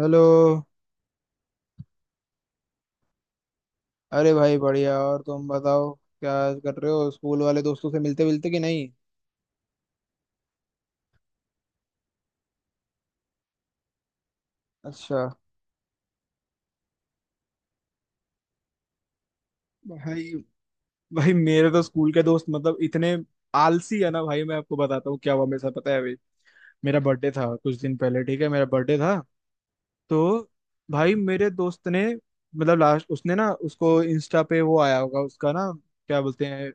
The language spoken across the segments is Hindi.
हेलो। अरे भाई, बढ़िया। और तुम बताओ, क्या कर रहे हो? स्कूल वाले दोस्तों से मिलते मिलते कि नहीं? अच्छा। भाई भाई मेरे तो स्कूल के दोस्त मतलब इतने आलसी है ना। भाई, मैं आपको बताता हूँ क्या हुआ मेरे साथ। पता है, अभी मेरा बर्थडे था कुछ दिन पहले। ठीक है, मेरा बर्थडे था। तो भाई, मेरे दोस्त ने मतलब लास्ट उसने ना, उसको इंस्टा पे वो आया होगा उसका ना, क्या बोलते हैं,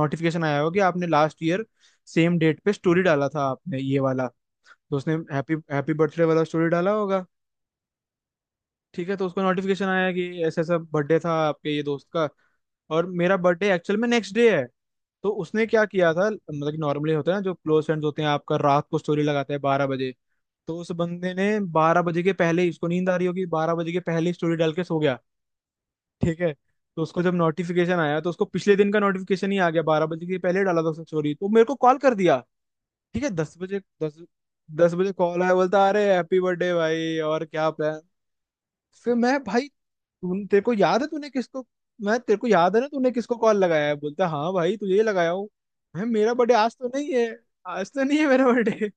नोटिफिकेशन आया होगा कि आपने लास्ट ईयर सेम डेट पे स्टोरी डाला था, आपने ये वाला। तो उसने हैप्पी हैप्पी बर्थडे वाला स्टोरी डाला होगा। ठीक है, तो उसको नोटिफिकेशन आया कि ऐसा ऐसा बर्थडे था आपके ये दोस्त का। और मेरा बर्थडे एक्चुअल में नेक्स्ट डे है। तो उसने क्या किया था मतलब, कि नॉर्मली होता है ना, जो क्लोज फ्रेंड्स होते हैं आपका, रात को स्टोरी लगाते हैं 12 बजे। तो उस बंदे ने 12 बजे के पहले ही, उसको नींद आ रही होगी, 12 बजे के पहले ही स्टोरी डाल के सो गया। ठीक है, तो उसको जब नोटिफिकेशन आया तो उसको पिछले दिन का नोटिफिकेशन ही आ गया, 12 बजे के पहले डाला था उसने स्टोरी, तो मेरे को कॉल कर दिया। ठीक है, दस बजे कॉल आया। बोलता, अरे हैप्पी बर्थडे भाई, और क्या प्लान? फिर मैं, भाई तू तेरे को याद है तूने किसको मैं तेरे को याद है ना तूने किसको कॉल लगाया है? बोलता है, हाँ भाई तुझे ही लगाया हूँ। मैं मेरा बर्थडे आज तो नहीं है। आज तो नहीं है मेरा बर्थडे।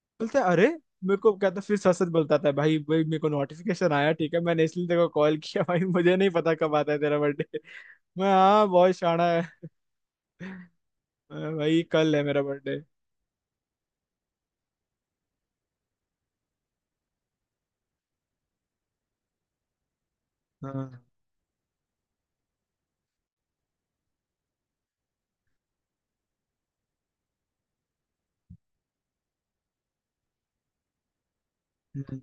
बोलता है, अरे, मेरे को कहता, फिर सच सच बोलता था, भाई भाई मेरे को नोटिफिकेशन आया, ठीक है, मैंने इसलिए तेरे को कॉल किया, भाई मुझे नहीं पता कब आता है तेरा बर्थडे। मैं, हाँ बहुत शाना है। भाई कल है मेरा बर्थडे। हाँ। हम्म,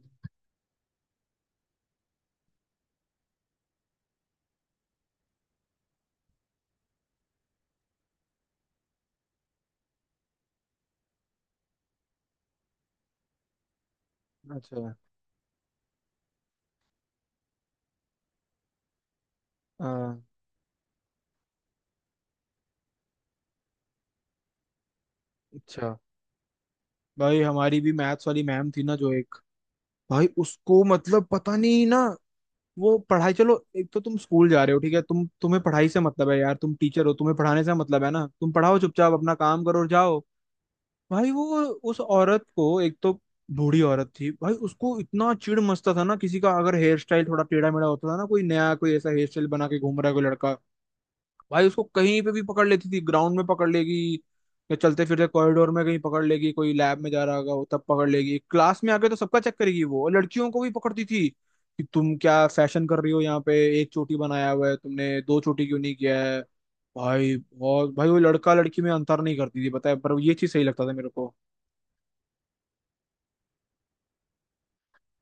अच्छा। हाँ। अच्छा। भाई हमारी भी मैथ्स वाली मैम थी ना, जो एक, भाई उसको मतलब पता नहीं ना, वो पढ़ाई, चलो एक तो तुम स्कूल जा रहे हो, ठीक है, तुम्हें पढ़ाई से मतलब है, यार तुम टीचर हो, तुम्हें पढ़ाने से मतलब है ना, तुम पढ़ाओ चुपचाप, अपना काम करो और जाओ। भाई वो, उस औरत को एक तो, बूढ़ी औरत थी भाई, उसको इतना चिढ़ मचता था ना, किसी का अगर हेयर स्टाइल थोड़ा टेढ़ा मेढ़ा होता था ना, कोई नया कोई ऐसा हेयर स्टाइल बना के घूम रहा है कोई लड़का, भाई उसको कहीं पे भी पकड़ लेती थी, ग्राउंड में पकड़ लेगी या चलते फिरते कॉरिडोर में कहीं पकड़ लेगी, कोई लैब में जा रहा होगा वो तब पकड़ लेगी, क्लास में आके तो सबका चेक करेगी वो, और लड़कियों को भी पकड़ती थी कि तुम क्या फैशन कर रही हो यहाँ पे, एक चोटी बनाया हुआ है तुमने, दो चोटी क्यों नहीं किया है। भाई बहुत, भाई वो लड़का लड़की में अंतर नहीं करती थी, पता है, पर ये चीज सही लगता था मेरे को।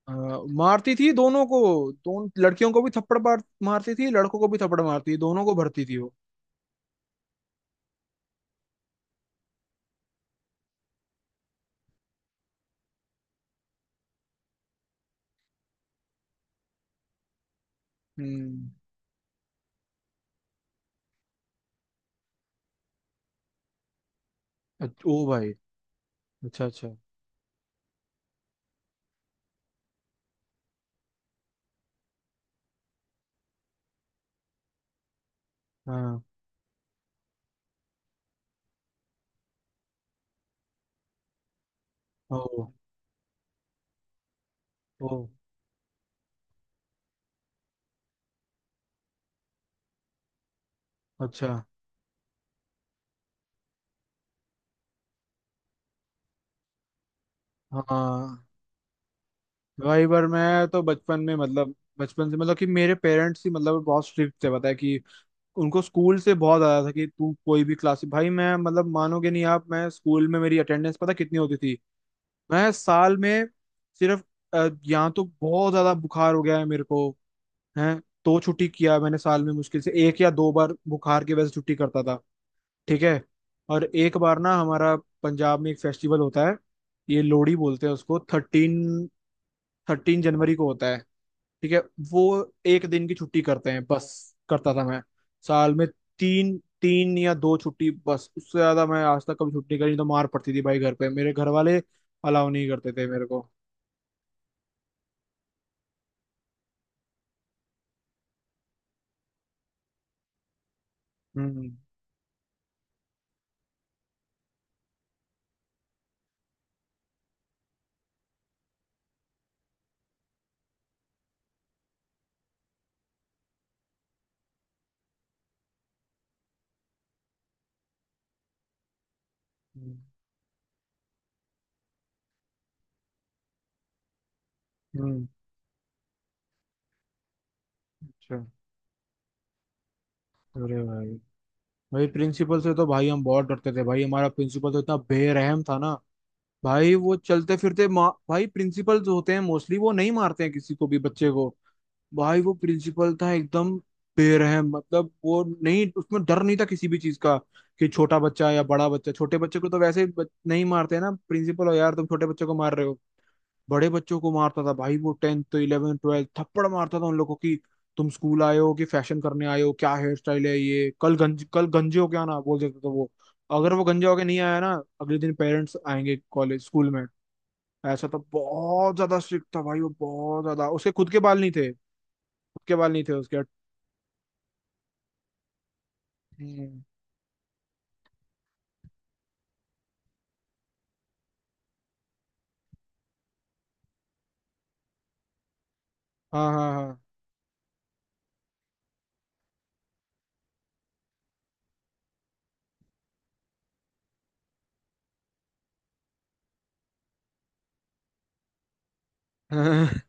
अ, मारती थी दोनों को, दोनों, लड़कियों को भी थप्पड़ मारती थी, लड़कों को भी थप्पड़ मारती थी, दोनों को भरती थी वो। हम्म। ओ भाई। अच्छा अच्छा। हाँ। ओ। ओ। अच्छा। हाँ। भाई पर मैं तो बचपन में मतलब, बचपन से मतलब कि मेरे पेरेंट्स ही मतलब बहुत स्ट्रिक्ट थे, पता है कि उनको स्कूल से बहुत आया था, कि तू कोई भी क्लास, भाई मैं मतलब, मानोगे नहीं आप, मैं स्कूल में मेरी अटेंडेंस पता कितनी होती थी? मैं साल में सिर्फ, यहाँ तो बहुत ज्यादा बुखार हो गया है मेरे को है, दो छुट्टी किया मैंने साल में, मुश्किल से एक या दो बार बुखार की वजह से छुट्टी करता था। ठीक है। और एक बार ना, हमारा पंजाब में एक फेस्टिवल होता है, ये लोहड़ी बोलते हैं उसको, थर्टीन, 13 जनवरी को होता है। ठीक है, वो एक दिन की छुट्टी करते हैं बस, करता था मैं साल में, तीन, तीन या दो छुट्टी बस, उससे ज्यादा मैं आज तक कभी छुट्टी करी नहीं, तो मार पड़ती थी भाई घर पे, मेरे घर वाले अलाउ नहीं करते थे मेरे को। हम्म हम्म हम्म, हम्म, अच्छा। अरे भाई, भाई प्रिंसिपल से तो भाई हम बहुत डरते थे, भाई हमारा प्रिंसिपल तो इतना बेरहम था ना, भाई वो चलते फिरते, भाई प्रिंसिपल जो होते हैं मोस्टली वो नहीं मारते हैं किसी को भी, बच्चे को, भाई वो प्रिंसिपल था एकदम बेरहम, मतलब वो नहीं, उसमें डर नहीं था किसी भी चीज का, कि छोटा बच्चा या बड़ा बच्चा, छोटे बच्चे को तो वैसे ही नहीं मारते हैं ना, प्रिंसिपल हो यार, तुम छोटे बच्चे को मार रहे हो। बड़े बच्चों को मारता था भाई वो, 10th, 11th, 12th, थप्पड़ मारता था उन लोगों की। तुम स्कूल आए हो कि फैशन करने आए हो? क्या हेयर स्टाइल है ये? कल गंजे हो क्या, ना बोल देता था वो। अगर वो गंजा होके नहीं आया ना, अगले दिन पेरेंट्स आएंगे कॉलेज स्कूल में। ऐसा तो बहुत ज्यादा स्ट्रिक्ट था भाई वो, बहुत ज्यादा। उसके खुद के बाल नहीं थे खुद के बाल नहीं थे उसके। हम्म, हाँ हाँ हाँ।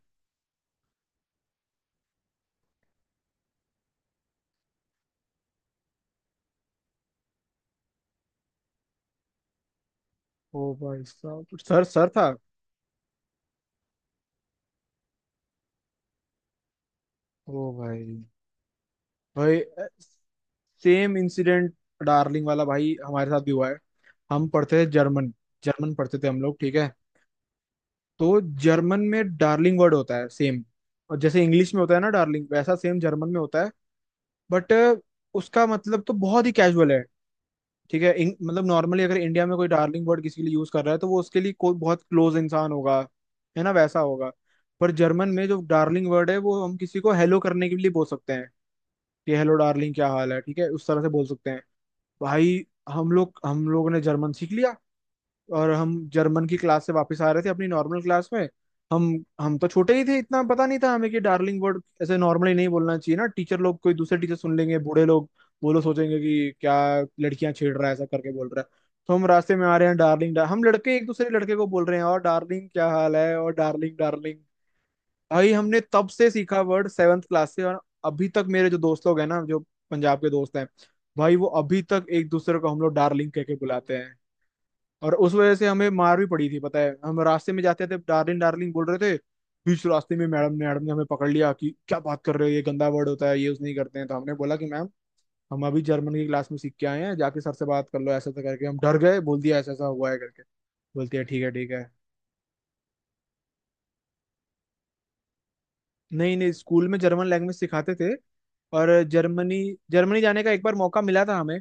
ओ भाई साहब, सर सर था। ओ भाई, भाई सेम इंसिडेंट डार्लिंग वाला भाई हमारे साथ भी हुआ है। हम पढ़ते थे जर्मन, जर्मन पढ़ते थे हम लोग, ठीक है। तो जर्मन में डार्लिंग वर्ड होता है सेम, और जैसे इंग्लिश में होता है ना डार्लिंग, वैसा सेम जर्मन में होता है। बट उसका मतलब तो बहुत ही कैजुअल है। ठीक है, मतलब नॉर्मली अगर इंडिया में कोई डार्लिंग वर्ड किसी के लिए यूज कर रहा है तो वो उसके लिए कोई बहुत क्लोज इंसान होगा, है ना, वैसा होगा। पर जर्मन में जो डार्लिंग वर्ड है वो हम किसी को हेलो करने के लिए बोल सकते हैं कि हेलो डार्लिंग, क्या हाल है, ठीक है, उस तरह से बोल सकते हैं। भाई, हम लोगों ने जर्मन सीख लिया, और हम जर्मन की क्लास से वापस आ रहे थे अपनी नॉर्मल क्लास में। हम हम तो छोटे ही थे, इतना पता नहीं था हमें कि डार्लिंग वर्ड ऐसे नॉर्मली नहीं बोलना चाहिए ना, टीचर लोग कोई दूसरे टीचर सुन लेंगे, बूढ़े लोग, वो लोग सोचेंगे कि क्या लड़कियां छेड़ रहा है ऐसा करके बोल रहा है। तो हम रास्ते में आ रहे हैं, हम लड़के एक दूसरे लड़के को बोल रहे हैं, और डार्लिंग क्या हाल है, और डार्लिंग डार्लिंग। भाई हमने तब से सीखा वर्ड 7th क्लास से, और अभी तक मेरे जो दोस्त लोग हैं ना, जो पंजाब के दोस्त हैं, भाई वो अभी तक एक दूसरे को हम लोग डार्लिंग कह के बुलाते हैं। और उस वजह से हमें मार भी पड़ी थी, पता है, हम रास्ते में जाते थे डार्लिंग डार्लिंग बोल रहे थे, बीच रास्ते में मैडम ने हमें पकड़ लिया कि क्या बात कर रहे हो, ये गंदा वर्ड होता है, ये यूज नहीं करते हैं। तो हमने बोला कि मैम, हम अभी जर्मन की क्लास में सीख के आए हैं, जाके सर से बात कर लो, ऐसा ऐसा करके हम डर गए, बोल दिया ऐसा ऐसा हुआ है करके। बोलती है ठीक है ठीक है। नहीं नहीं, स्कूल में जर्मन लैंग्वेज सिखाते थे। और जर्मनी जर्मनी जाने का एक बार मौका मिला था हमें,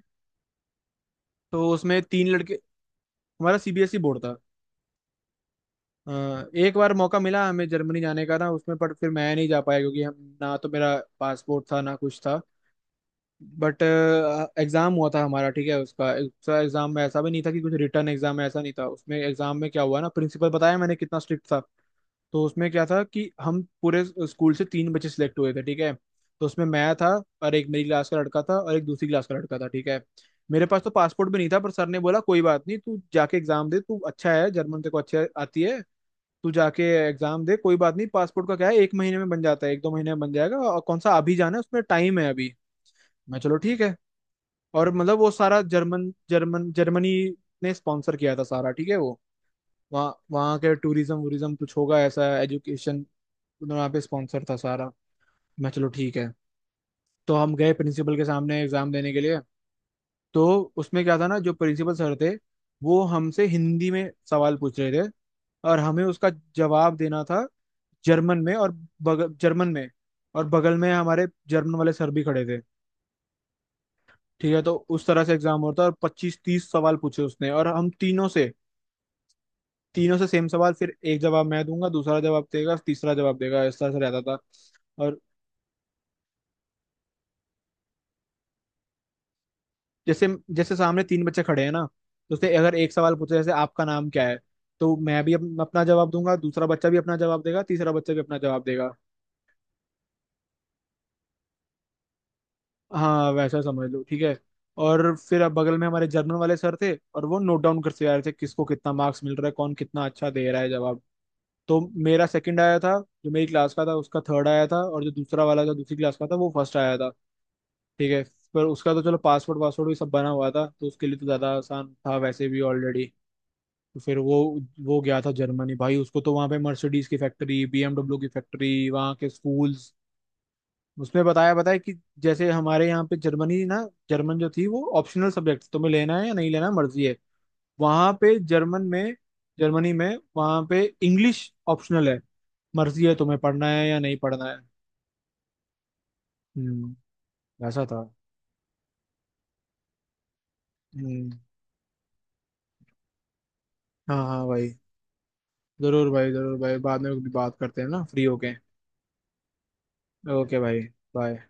तो उसमें तीन लड़के, हमारा CBSE बोर्ड था। अ, एक बार मौका मिला हमें जर्मनी जाने का ना उसमें, पर फिर मैं नहीं जा पाया क्योंकि हम ना, तो मेरा पासपोर्ट था ना कुछ था। बट एग्जाम हुआ था हमारा, ठीक है, उसका उसका एग्जाम में ऐसा भी नहीं था कि कुछ रिटर्न, एग्जाम में ऐसा नहीं था। उसमें एग्जाम में क्या हुआ ना, प्रिंसिपल बताया मैंने कितना स्ट्रिक्ट था, तो उसमें क्या था कि हम पूरे स्कूल से तीन बच्चे सिलेक्ट हुए थे। ठीक है, तो उसमें मैं था, और एक मेरी क्लास का लड़का था और एक दूसरी क्लास का लड़का था। ठीक है, मेरे पास तो पासपोर्ट भी नहीं था, पर सर ने बोला कोई बात नहीं, तू जाके एग्जाम दे, तू अच्छा है जर्मन तेरे को अच्छे आती है, तू जाके एग्जाम दे, कोई बात नहीं पासपोर्ट का क्या है, एक महीने में बन जाता है, एक दो महीने में बन जाएगा, और कौन सा अभी जाना है, उसमें टाइम है अभी। मैं, चलो ठीक है। और मतलब वो सारा जर्मन जर्मन जर्मनी ने स्पॉन्सर किया था सारा, ठीक है वो, वहाँ वहाँ के टूरिज्म वूरिज्म कुछ होगा ऐसा एजुकेशन, वहाँ पे स्पॉन्सर था सारा। मैं, चलो ठीक है। तो हम गए प्रिंसिपल के सामने एग्जाम देने के लिए। तो उसमें क्या था ना, जो प्रिंसिपल सर थे, वो हमसे हिंदी में सवाल पूछ रहे थे, और हमें उसका जवाब देना था जर्मन में। और जर्मन में, और बगल में हमारे जर्मन वाले सर भी खड़े थे। ठीक है, तो उस तरह से एग्जाम होता है, और 25-30 सवाल पूछे उसने, और हम तीनों से, तीनों से सेम सवाल, फिर एक जवाब मैं दूंगा, दूसरा जवाब देगा, तीसरा जवाब देगा, इस तरह से रहता था। और जैसे, जैसे सामने तीन बच्चे खड़े हैं ना, तो उसने अगर एक सवाल पूछे जैसे आपका नाम क्या है, तो मैं भी अपना जवाब दूंगा, दूसरा बच्चा भी अपना जवाब देगा, तीसरा बच्चा भी अपना जवाब देगा। हाँ वैसा समझ लो, ठीक है। और फिर अब बगल में हमारे जर्नल वाले सर थे, और वो नोट डाउन करते जा रहे थे, किसको कितना मार्क्स मिल रहा है, कौन कितना अच्छा दे रहा है जवाब। तो मेरा सेकंड आया था, जो मेरी क्लास का था उसका थर्ड आया था, और जो दूसरा वाला था दूसरी क्लास का था वो फर्स्ट आया था। ठीक है, पर उसका तो चलो पासवर्ड वासवर्ड भी सब बना हुआ था, तो उसके लिए तो ज़्यादा आसान था वैसे भी, ऑलरेडी। तो फिर वो गया था जर्मनी, भाई उसको तो वहाँ पे मर्सिडीज की फैक्ट्री, BMW की फैक्ट्री, वहाँ के स्कूल्स, उसमें बताया बताया कि जैसे हमारे यहाँ पे जर्मनी ना, जर्मन जो थी वो ऑप्शनल सब्जेक्ट, तुम्हें लेना है या नहीं लेना मर्जी है, वहां पे जर्मन में जर्मनी में वहां पे इंग्लिश ऑप्शनल है, मर्जी है तुम्हें पढ़ना है या नहीं पढ़ना है। हम्म, ऐसा था। हम्म। हाँ हाँ भाई, जरूर भाई, जरूर भाई, बाद में भी बात करते हैं ना फ्री होके। ओके भाई। बाय।